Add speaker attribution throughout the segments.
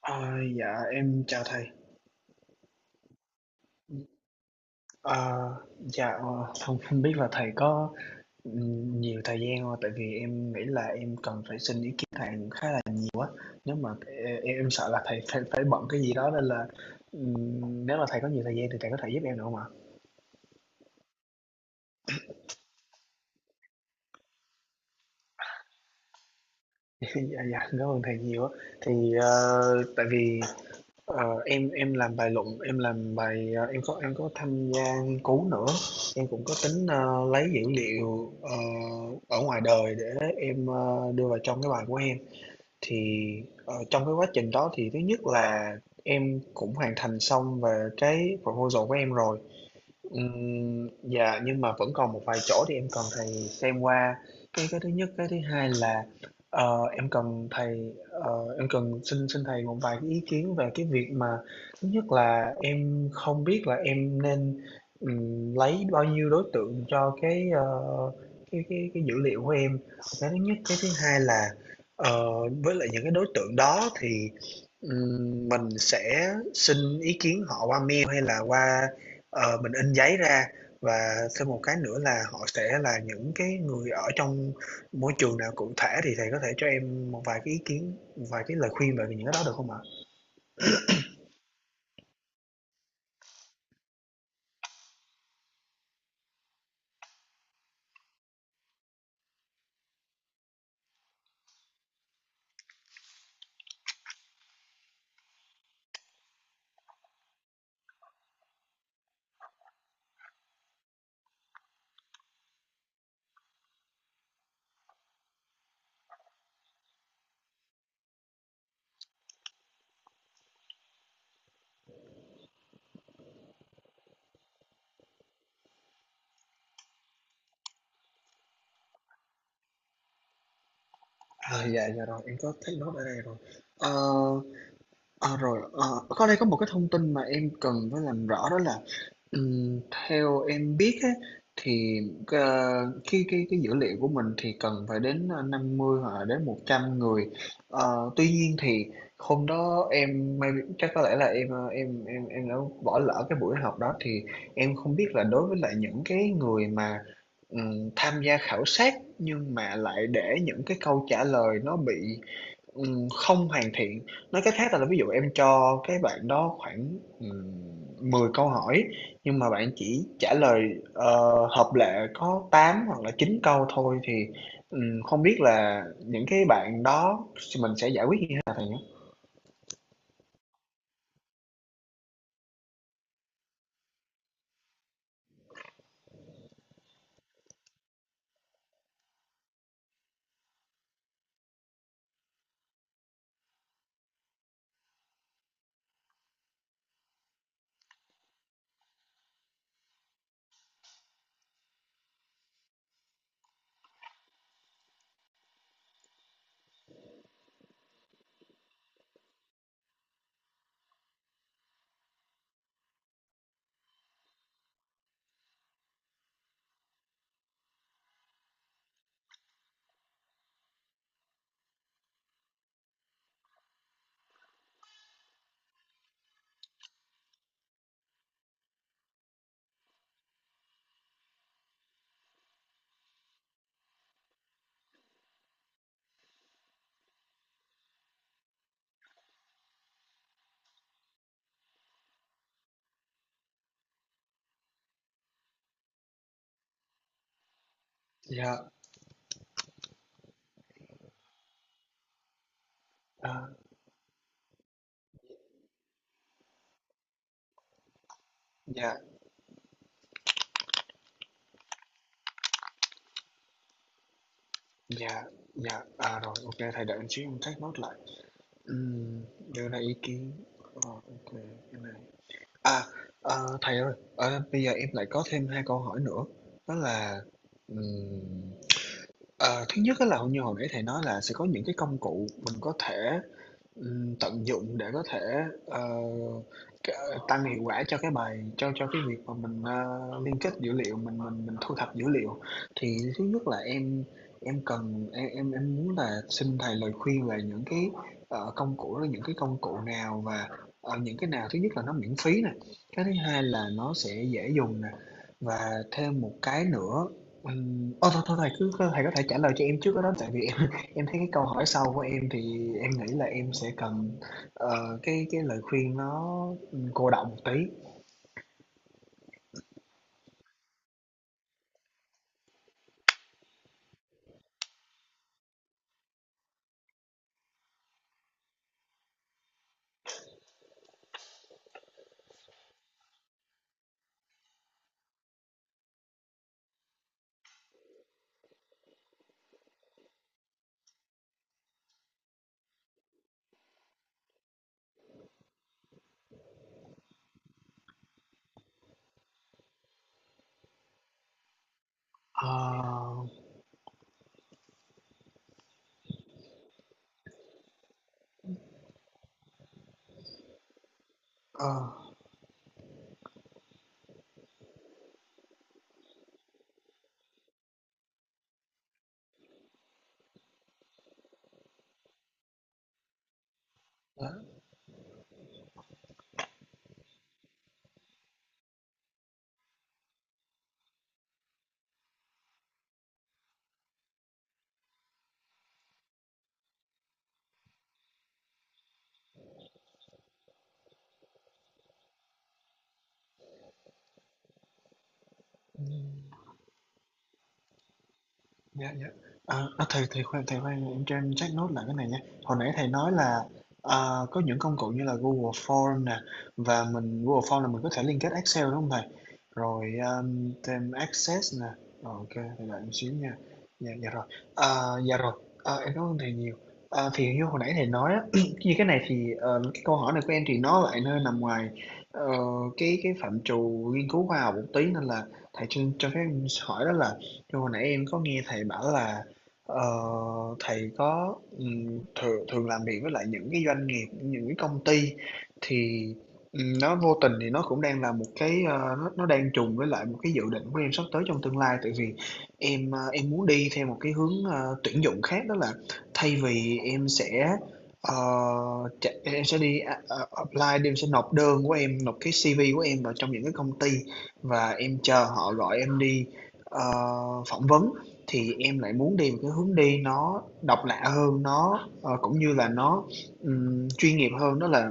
Speaker 1: Ờ, dạ em chào thầy. Ờ, dạ không không biết là thầy có nhiều thời gian không? Tại vì em nghĩ là em cần phải xin ý kiến thầy khá là nếu mà em sợ là thầy phải phải bận cái gì đó nên là nếu mà thầy có nhiều thời gian thì thầy có thể giúp em được không ạ? Dạ, dạ cảm ơn thầy nhiều. Á. Thì tại vì Ờ, em làm bài luận em làm bài em có tham gia nghiên cứu nữa. Em cũng có tính lấy dữ liệu ở ngoài đời để em đưa vào trong cái bài của em. Thì trong cái quá trình đó thì thứ nhất là em cũng hoàn thành xong về cái proposal của em rồi. Dạ, nhưng mà vẫn còn một vài chỗ thì em cần thầy xem qua. Cái thứ nhất, cái thứ hai là, em cần thầy em cần xin xin thầy một vài cái ý kiến về cái việc mà thứ nhất là em không biết là em nên, lấy bao nhiêu đối tượng cho cái, cái dữ liệu của em. Cái thứ nhất, cái thứ hai là, ờ, với lại những cái đối tượng đó thì, mình sẽ xin ý kiến họ qua mail hay là qua. Mình in giấy ra. Và thêm một cái nữa là họ sẽ là những cái người ở trong môi trường nào cụ thể thì thầy có thể cho em một vài cái ý kiến, một vài cái lời khuyên về những cái đó được không ạ? À, dạ, dạ rồi, em có thấy note ở đây rồi. Ờ, Rồi, có đây có một cái thông tin mà em cần phải làm rõ đó là, Ừm, theo em biết á, thì ờ, cái dữ liệu của mình thì cần phải đến 50 hoặc là đến 100 người. Tuy nhiên thì hôm đó em may chắc có lẽ là em em đã bỏ lỡ cái buổi họp đó thì em không biết là đối với lại những cái người mà tham gia khảo sát nhưng mà lại để những cái câu trả lời nó bị không hoàn thiện, nói cách khác là ví dụ em cho cái bạn đó khoảng, 10 câu hỏi, nhưng mà bạn chỉ trả lời, ờ, hợp lệ có 8 hoặc là 9 câu thôi thì, không biết là những cái bạn đó mình sẽ giải quyết như thế nào thầy nhé. Dạ, à, dạ, dạ, dạ, à, rồi, ok thầy đợi chút em take note lại. Ừm, Đưa ra ý kiến, ờ, ô cái này. À, Thầy ơi, bây giờ em lại có thêm 2 câu hỏi nữa. Đó là ừm, ờ, thứ nhất á là như hồi nãy thầy nói là sẽ có những cái công cụ mình có thể tận dụng để có thể, ờ, c tăng hiệu quả cho cái bài cho cái việc mà mình, liên kết dữ liệu, mình thu thập dữ liệu. Thì thứ nhất là em cần em muốn là xin thầy lời khuyên về những cái, công cụ đó, những cái công cụ nào và, những cái nào thứ nhất là nó miễn phí nè, cái thứ hai là nó sẽ dễ dùng nè, và thêm một cái nữa thôi thầy cứ thầy có thể trả lời cho em trước cái đó tại vì em thấy cái câu hỏi sau của em thì em nghĩ là em sẽ cần cái lời khuyên nó cô đọng một tí. Ờ, ờ, đó. Dạ, dạ. Thầy thầy khoan, em cho em check nốt lại cái này nha. Hồi nãy thầy nói là, có những công cụ như là Google Form nè, và mình Google Form là mình có thể liên kết Excel, đúng không thầy? Rồi, thêm Access nè, rồi ô thầy đợi em xíu nha. Dạ, dạ rồi. Dạ rồi, em cảm ơn thầy nhiều. Thì như hồi nãy thầy nói á, như cái này thì, cái câu hỏi này của em thì nó lại nơi nằm ngoài, ờ, cái phạm trù nghiên cứu khoa học một tí, nên là thầy cho phép em hỏi đó là như hồi nãy em có nghe thầy bảo là ờ, thầy có thường thường làm việc với lại những cái doanh nghiệp, những cái công ty. Thì nó vô tình thì nó cũng đang là một cái nó đang trùng với lại một cái dự định của em sắp tới trong tương lai tại vì em muốn đi theo một cái hướng tuyển dụng khác đó là thay vì em sẽ ờ, em sẽ đi apply em sẽ nộp đơn của em nộp cái CV của em vào trong những cái công ty và em chờ họ gọi em đi Ờ, phỏng vấn. Thì em lại muốn đi một cái hướng đi nó độc lạ hơn, cũng như là chuyên nghiệp hơn. Đó là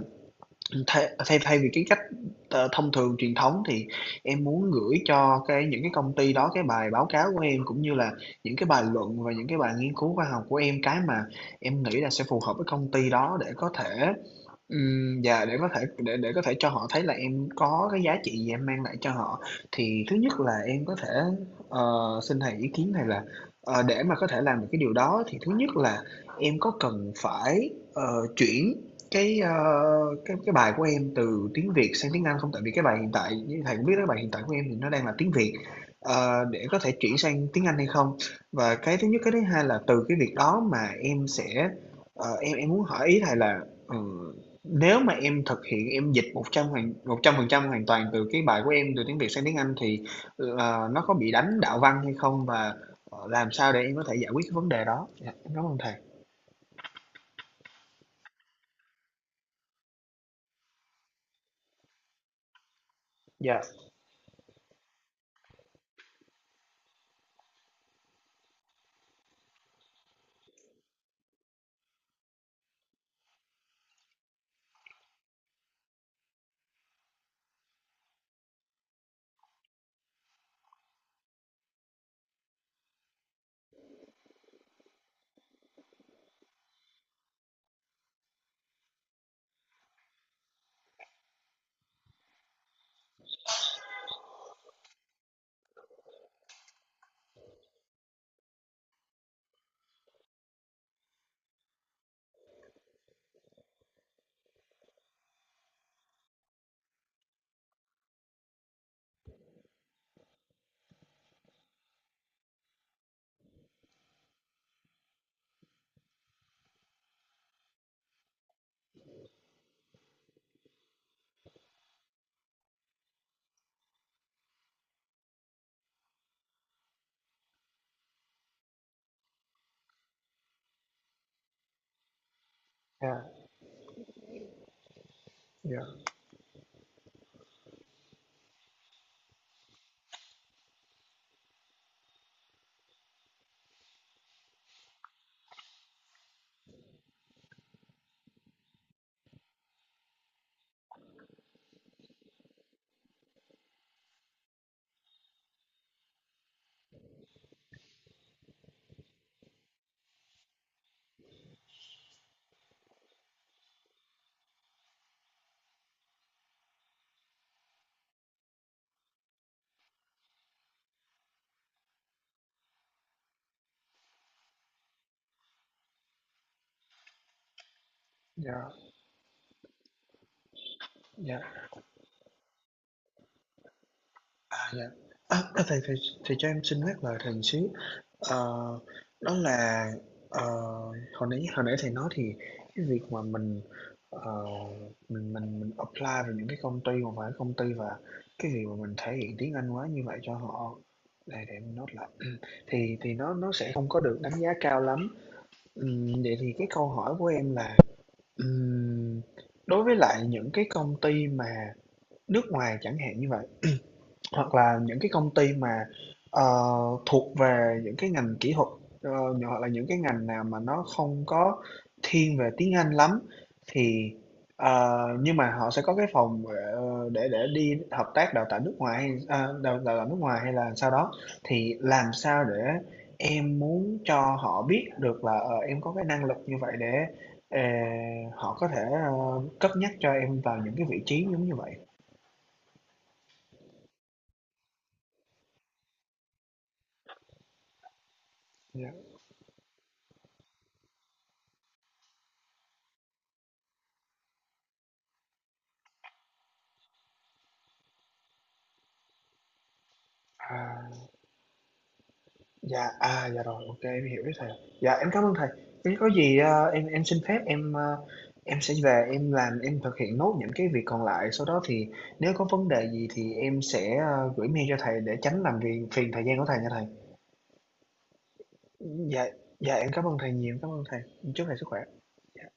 Speaker 1: thay thay thay vì cái cách, thông thường truyền thống thì em muốn gửi cho cái những cái công ty đó cái bài báo cáo của em, cũng như là những cái bài luận và những cái bài nghiên cứu khoa học của em, cái mà em nghĩ là sẽ phù hợp với công ty đó để có thể dạ để có thể để có thể cho họ thấy là em có cái giá trị gì em mang lại cho họ. Thì thứ nhất là em có thể ờ, xin thầy ý kiến này là để mà có thể làm được cái điều đó thì thứ nhất là em có cần phải chuyển cái cái bài của em từ tiếng Việt sang tiếng Anh không? Tại vì cái bài hiện tại như thầy cũng biết đó bài hiện tại của em thì nó đang là tiếng Việt. Để có thể chuyển sang tiếng Anh hay không? Và cái thứ nhất cái thứ hai là từ cái việc đó mà em sẽ em muốn hỏi ý thầy là ừ, nếu mà em thực hiện em dịch 100% hoàn toàn từ cái bài của em từ tiếng Việt sang tiếng Anh thì, nó có bị đánh đạo văn hay không và, làm sao để em có thể giải quyết cái vấn đề đó? Dạ, em cám ơn thầy. Dạ, dạ, dạ, dạ, dạ. À, dạ. À, thầy thầy thầy cho em xin nhắc lời thầy một xíu. Ờ, Đó là ờ, hồi nãy thầy nói thì cái việc mà mình ờ, mình apply vào những cái công ty mà phải công ty và cái việc mà mình thể hiện tiếng Anh quá như vậy cho họ để em note lại thì nó sẽ không có được đánh giá cao lắm. Vậy thì cái câu hỏi của em là ừm, đối với lại những cái công ty mà nước ngoài chẳng hạn như vậy hoặc là những cái công ty mà, ờ, thuộc về những cái ngành kỹ thuật, ờ, hoặc là những cái ngành nào mà nó không có thiên về tiếng Anh lắm thì nhưng mà họ sẽ có cái phòng, để đi hợp tác đào tạo nước ngoài hay đào đào tạo nước ngoài hay là sau đó, thì làm sao để em muốn cho họ biết được là, em có cái năng lực như vậy để, ờ, họ có thể, cất nhắc cho em vào những cái vị trí giống như vậy? Dạ, à. Dạ, à, dạ rồi, ok em hiểu ý thầy. Dạ, em cảm ơn thầy. Nếu có gì, em xin phép em, em sẽ về em làm, em thực hiện nốt những cái việc còn lại, sau đó thì nếu có vấn đề gì thì em sẽ, gửi mail cho thầy để tránh làm phiền phiền thời gian của thầy nha thầy. Dạ, dạ em cảm ơn thầy nhiều, cảm ơn thầy. Chúc thầy sức khỏe. Dạ.